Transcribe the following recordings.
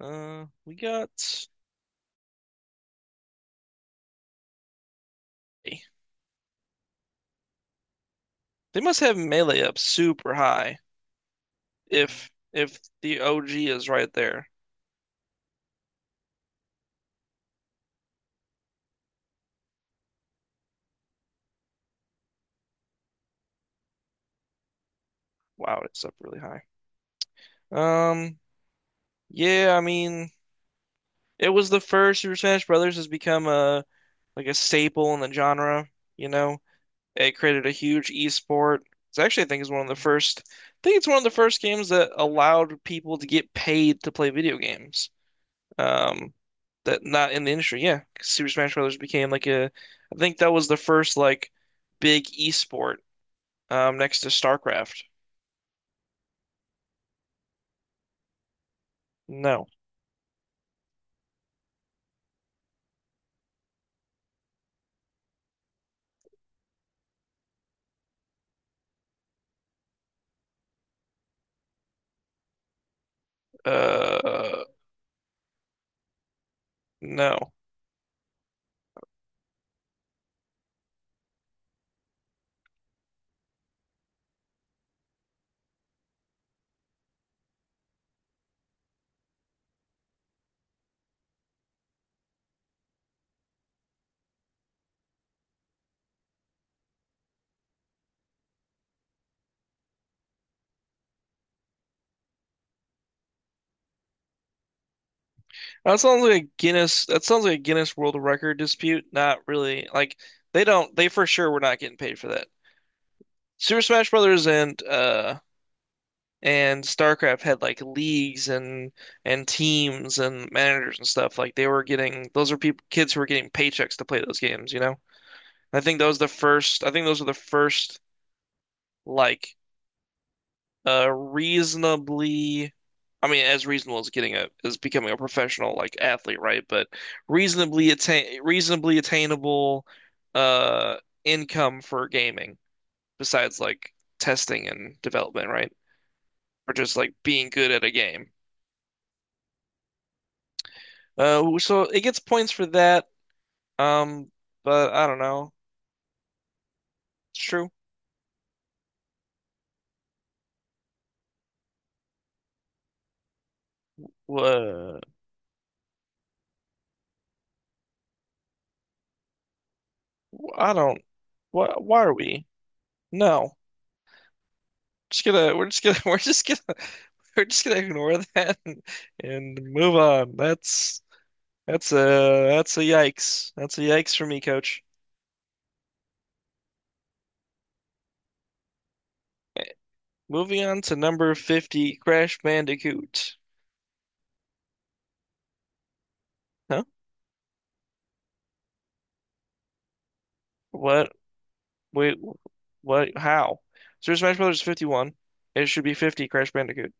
We got. They must have melee up super high if the OG is right there. Wow, it's up really high. Um, yeah, I mean, it was the first Super Smash Brothers has become a like a staple in the genre, you know. It created a huge esport. It's actually, I think, is one of the first. I think it's one of the first games that allowed people to get paid to play video games. um that not in the industry. Yeah, 'cause Super Smash Brothers became like a I think that was the first like big esport next to StarCraft. No. Uh no. That sounds like a Guinness World Record dispute. Not really like they for sure were not getting paid for that. Super Smash Brothers and StarCraft had like leagues and teams and managers and stuff. Like they were getting those are people kids who were getting paychecks to play those games, you know? I think those were the first, like, reasonably, I mean, as reasonable as as becoming a professional, like, athlete, right? But reasonably attainable, uh, income for gaming, besides, like, testing and development, right? Or just, like, being good at a game. So it gets points for that. Um, but I don't know. It's true. Uh, I don't. Why, are we? No. just gonna We're just gonna we're just gonna ignore that and move on. That's a that's a yikes. That's a yikes for me, coach. Eh, Moving on to number 50, Crash Bandicoot. Huh? What? Wait, what? How? Super Smash Brothers is 51. It should be 50, Crash Bandicoot.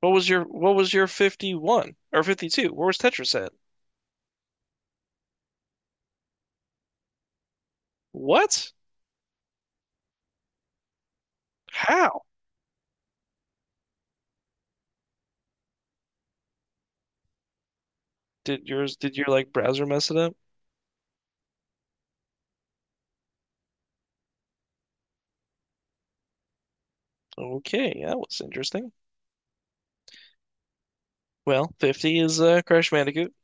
What was your 51 or 52? Where was Tetris at? What? How? Did your like browser mess it up? Okay, that was interesting. Well, 50 is Crash Bandicoot.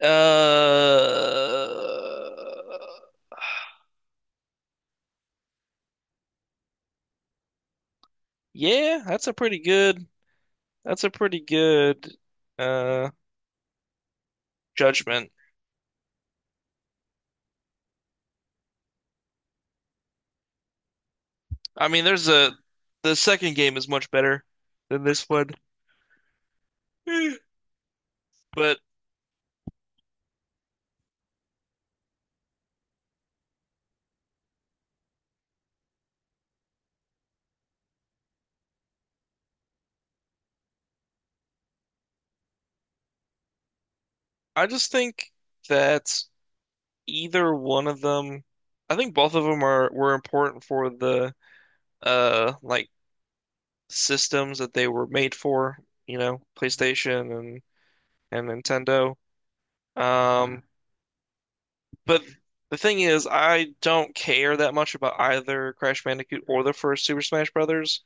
Uh, yeah, that's a pretty good. That's a pretty good uh judgment. I mean, the second game is much better than this one, but I just think that either one of them, I think both of them are were important for the like systems that they were made for, you know, PlayStation and Nintendo. Um, But the thing is, I don't care that much about either Crash Bandicoot or the first Super Smash Brothers.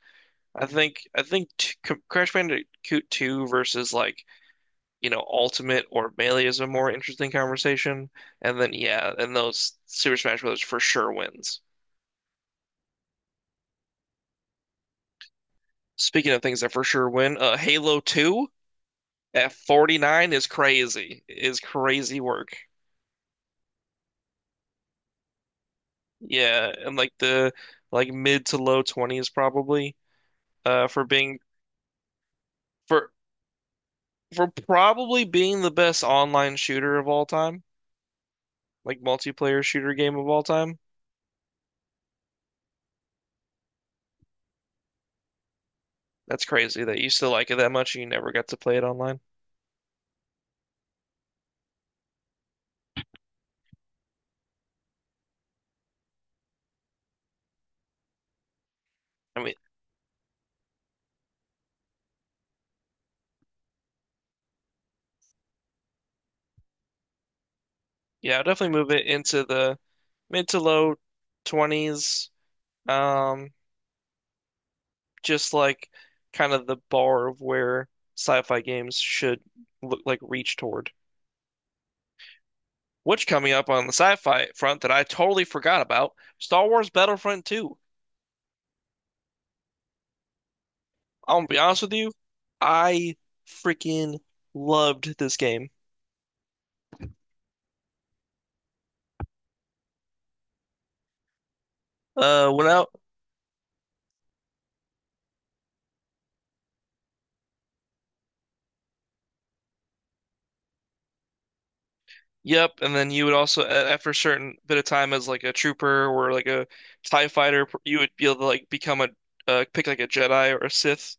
I think t C Crash Bandicoot 2 versus like, you know, Ultimate or Melee is a more interesting conversation. And then yeah, and those Super Smash Brothers for sure wins. Speaking of things that for sure win, Halo 2 at 49 is crazy. Is crazy work. Yeah, and like the like mid to low 20s probably for being for for probably being the best online shooter of all time, like multiplayer shooter game of all time. That's crazy that you still like it that much and you never got to play it online. I mean, yeah, I'll definitely move it into the mid to low 20s. Um, just like kind of the bar of where sci-fi games should look like reach toward. Which coming up on the sci-fi front that I totally forgot about, Star Wars Battlefront 2. I'm gonna be honest with you, I freaking loved this game. Uh, went out, yep, and then you would also after a certain bit of time as like a trooper or like a TIE fighter, you would be able to like become a pick like a Jedi or a Sith.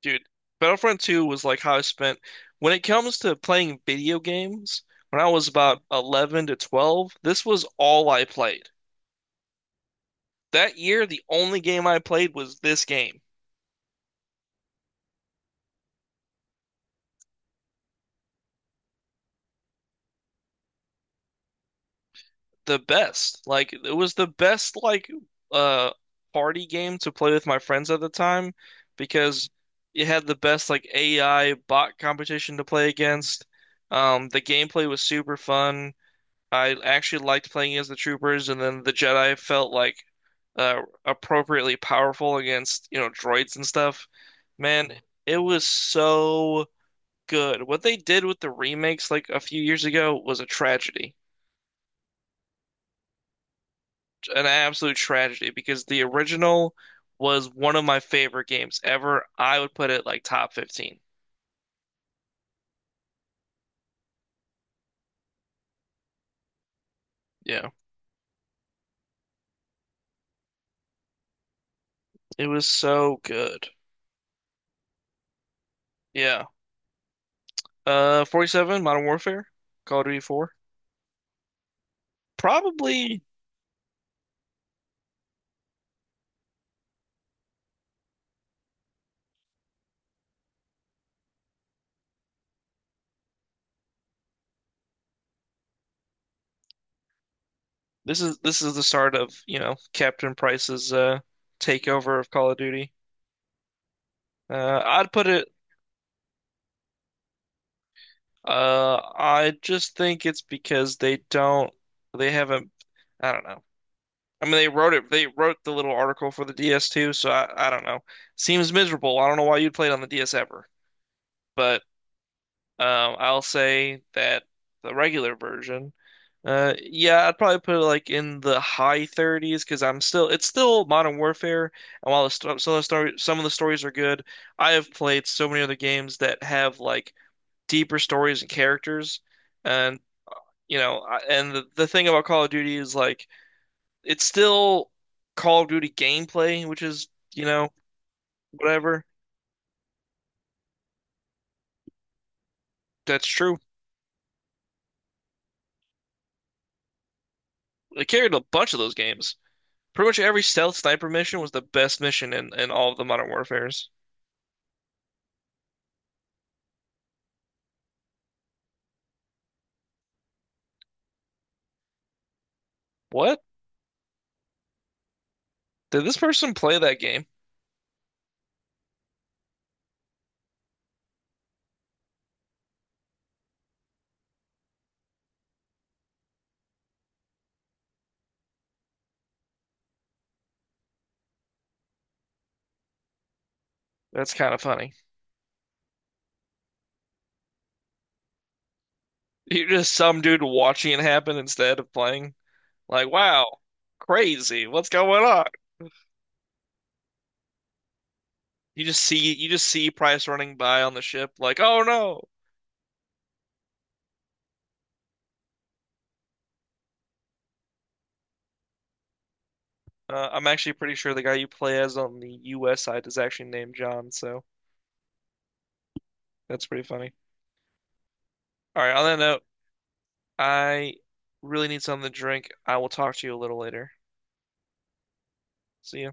Dude, Battlefront 2 was like how I spent when it comes to playing video games. When I was about 11 to 12, this was all I played. That year, the only game I played was this game. The best. Like it was the best like uh party game to play with my friends at the time because it had the best like AI bot competition to play against. The gameplay was super fun. I actually liked playing as the troopers, and then the Jedi felt like appropriately powerful against you know droids and stuff. Man, it was so good. What they did with the remakes like a few years ago was a tragedy. An absolute tragedy because the original was one of my favorite games ever. I would put it like top 15. Yeah. It was so good. Yeah. 47, Modern Warfare, Call of Duty 4. Probably this is the start of, you know, Captain Price's takeover of Call of Duty. Uh I'd put it I just think it's because they haven't I don't know. I mean, they wrote it. They wrote the little article for the DS too. So I don't know. Seems miserable. I don't know why you'd play it on the DS ever, but I'll say that the regular version, yeah, I'd probably put it like in the high 30s because I'm still. It's still Modern Warfare, and while the sto some of the story, some of the stories are good, I have played so many other games that have like deeper stories and characters, and you know, and the thing about Call of Duty is like it's still Call of Duty gameplay, which is, you know, whatever. That's true. It carried a bunch of those games. Pretty much every stealth sniper mission was the best mission in all of the Modern Warfares. What? Did this person play that game? That's kind of funny. You're just some dude watching it happen instead of playing. Like, wow, crazy. What's going on? You just see Price running by on the ship, like, oh no. I'm actually pretty sure the guy you play as on the US side is actually named John, so that's pretty funny. All right, on that note, I really need something to drink. I will talk to you a little later. See ya.